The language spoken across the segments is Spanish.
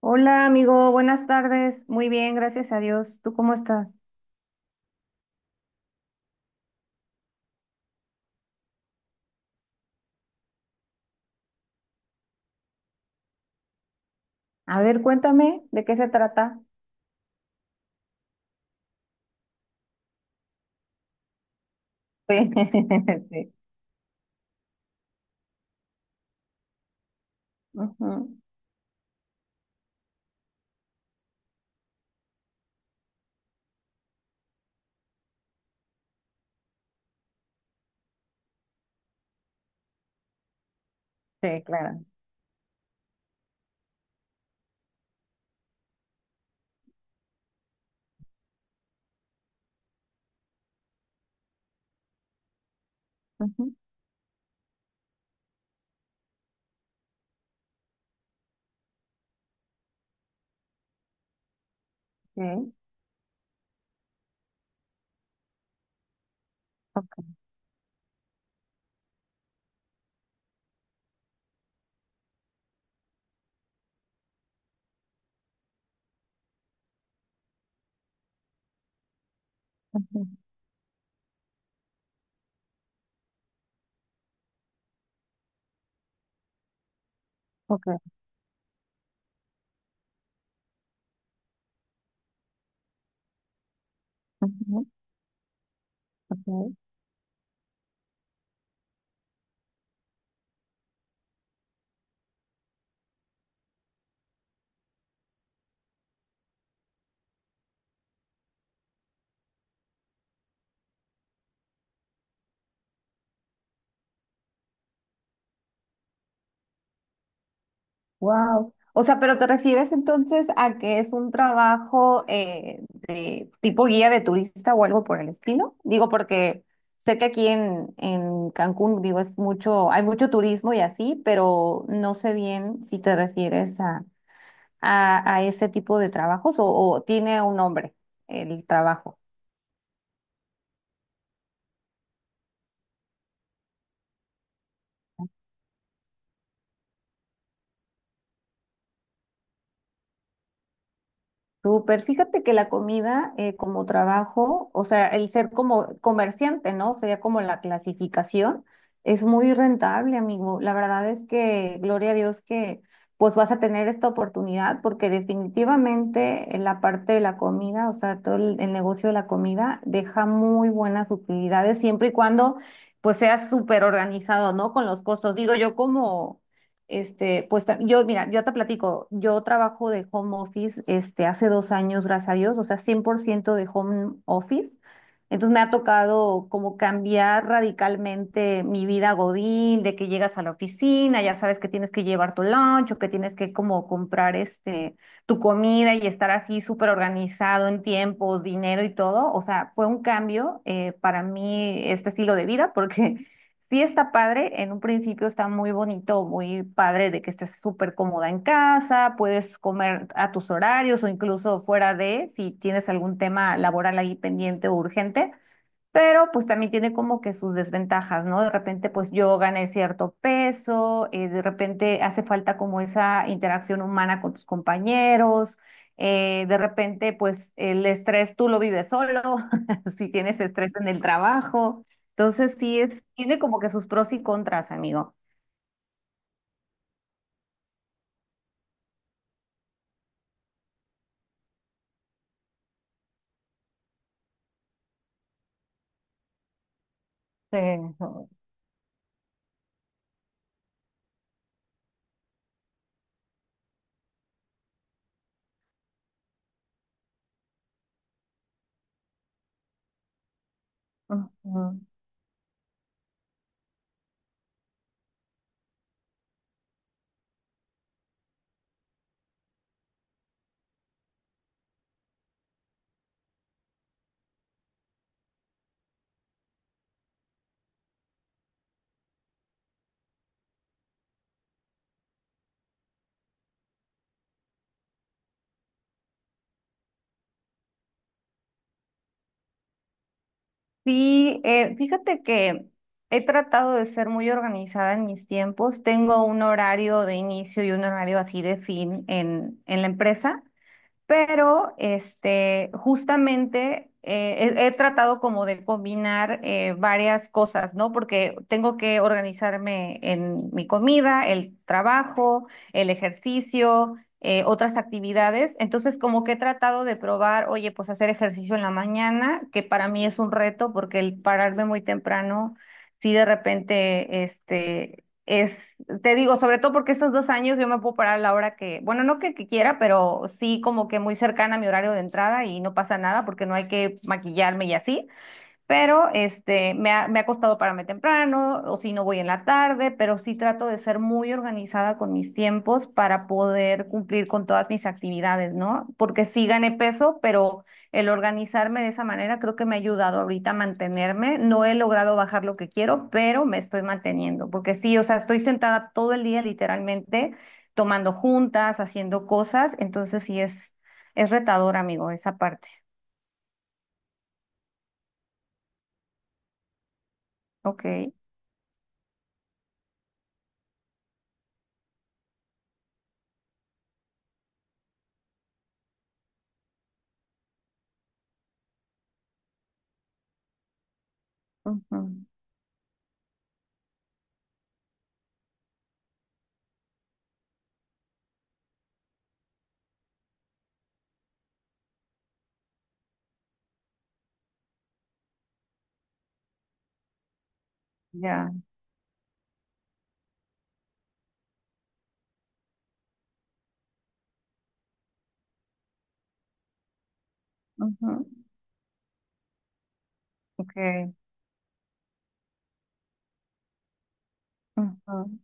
Hola amigo, buenas tardes. Muy bien, gracias a Dios. ¿Tú cómo estás? A ver, cuéntame de qué se trata. Sí, sí. Ujú. Sí, claro. Ujú. Sí. Ujú. Ok. Wow. O sea, ¿pero te refieres entonces a que es un trabajo de tipo guía de turista o algo por el estilo? Digo, porque sé que aquí en Cancún, digo, es mucho, hay mucho turismo y así, pero no sé bien si te refieres a ese tipo de trabajos o tiene un nombre el trabajo. Súper, fíjate que la comida como trabajo, o sea, el ser como comerciante, ¿no? Sería como la clasificación, es muy rentable, amigo. La verdad es que, gloria a Dios que pues vas a tener esta oportunidad, porque definitivamente en la parte de la comida, o sea, todo el negocio de la comida deja muy buenas utilidades siempre y cuando pues seas súper organizado, ¿no? Con los costos. Digo, yo como yo, mira, yo te platico, yo trabajo de home office, hace 2 años, gracias a Dios, o sea, 100% de home office. Entonces me ha tocado como cambiar radicalmente mi vida godín, de que llegas a la oficina, ya sabes que tienes que llevar tu lunch o que tienes que como comprar tu comida y estar así súper organizado en tiempo, dinero y todo. O sea, fue un cambio para mí este estilo de vida, porque sí está padre, en un principio está muy bonito, muy padre de que estés súper cómoda en casa, puedes comer a tus horarios o incluso fuera de, si tienes algún tema laboral ahí pendiente o urgente, pero pues también tiene como que sus desventajas, ¿no? De repente pues yo gané cierto peso, de repente hace falta como esa interacción humana con tus compañeros, de repente pues el estrés tú lo vives solo, si tienes estrés en el trabajo. Entonces sí es, tiene como que sus pros y contras, amigo. Sí. Ujú. Sí, fíjate que he tratado de ser muy organizada en mis tiempos. Tengo un horario de inicio y un horario así de fin en la empresa. Pero justamente he tratado como de combinar varias cosas, ¿no? Porque tengo que organizarme en mi comida, el trabajo, el ejercicio, otras actividades. Entonces, como que he tratado de probar, oye, pues hacer ejercicio en la mañana, que para mí es un reto porque el pararme muy temprano, sí de repente, es, te digo, sobre todo porque estos 2 años yo me puedo parar a la hora que, bueno, no que quiera, pero sí como que muy cercana a mi horario de entrada y no pasa nada porque no hay que maquillarme y así. Pero me ha costado pararme temprano, o si no voy en la tarde, pero sí trato de ser muy organizada con mis tiempos para poder cumplir con todas mis actividades, ¿no? Porque sí gané peso, pero el organizarme de esa manera creo que me ha ayudado ahorita a mantenerme. No he logrado bajar lo que quiero, pero me estoy manteniendo, porque sí, o sea, estoy sentada todo el día literalmente, tomando juntas, haciendo cosas, entonces sí es retador, amigo, esa parte. Ok. Ujú. Ya. Ujú. Okay. Ujú.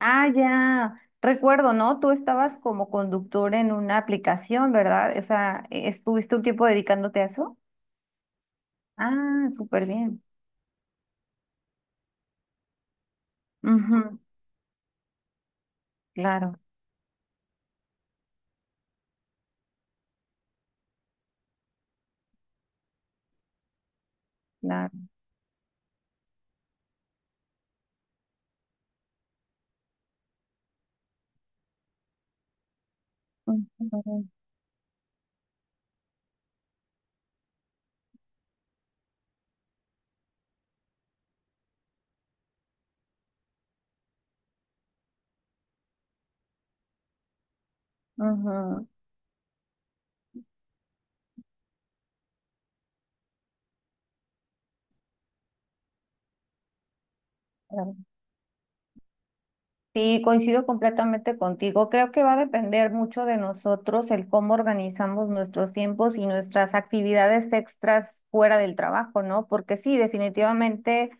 Ah, ya. Recuerdo, ¿no? Tú estabas como conductor en una aplicación, ¿verdad? ¿Estuviste un tiempo dedicándote a eso? Ah, súper bien. Ujú. Claro, claro. Ujú, ujú. Sí, coincido completamente contigo. Creo que va a depender mucho de nosotros el cómo organizamos nuestros tiempos y nuestras actividades extras fuera del trabajo, ¿no? Porque sí, definitivamente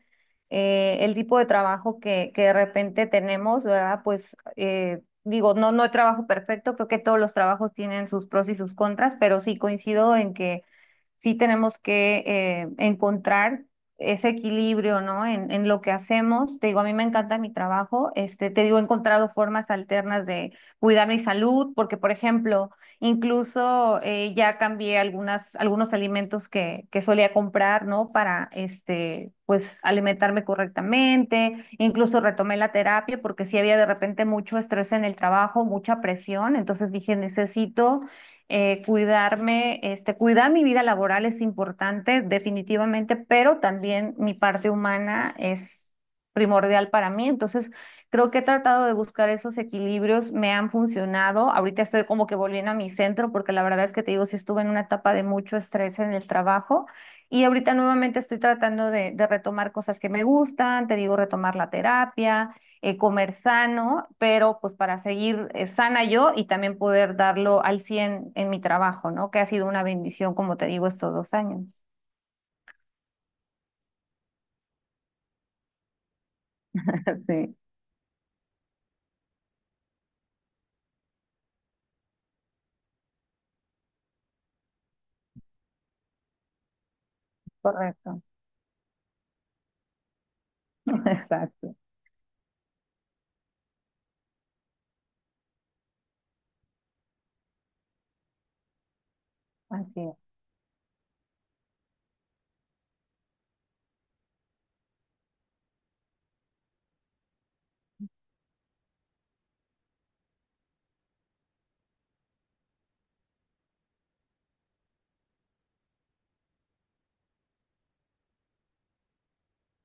el tipo de trabajo que de repente tenemos, ¿verdad? Pues digo, no, no hay trabajo perfecto, creo que todos los trabajos tienen sus pros y sus contras, pero sí coincido en que sí tenemos que encontrar ese equilibrio, ¿no? En lo que hacemos. Te digo, a mí me encanta mi trabajo. Te digo, he encontrado formas alternas de cuidar mi salud, porque, por ejemplo, incluso ya cambié algunos alimentos que solía comprar, ¿no? Para, pues, alimentarme correctamente. Incluso retomé la terapia porque sí había de repente mucho estrés en el trabajo, mucha presión. Entonces dije, necesito cuidarme, cuidar mi vida laboral es importante definitivamente, pero también mi parte humana es primordial para mí. Entonces, creo que he tratado de buscar esos equilibrios, me han funcionado. Ahorita estoy como que volviendo a mi centro, porque la verdad es que te digo, sí estuve en una etapa de mucho estrés en el trabajo. Y ahorita nuevamente estoy tratando de retomar cosas que me gustan, te digo, retomar la terapia, comer sano, pero pues para seguir sana yo y también poder darlo al 100 en mi trabajo, ¿no? Que ha sido una bendición, como te digo, estos 2 años. Sí, correcto. Exacto. Así es.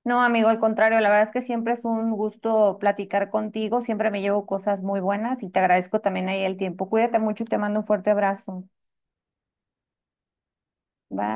No, amigo, al contrario, la verdad es que siempre es un gusto platicar contigo, siempre me llevo cosas muy buenas y te agradezco también ahí el tiempo. Cuídate mucho y te mando un fuerte abrazo. Bye.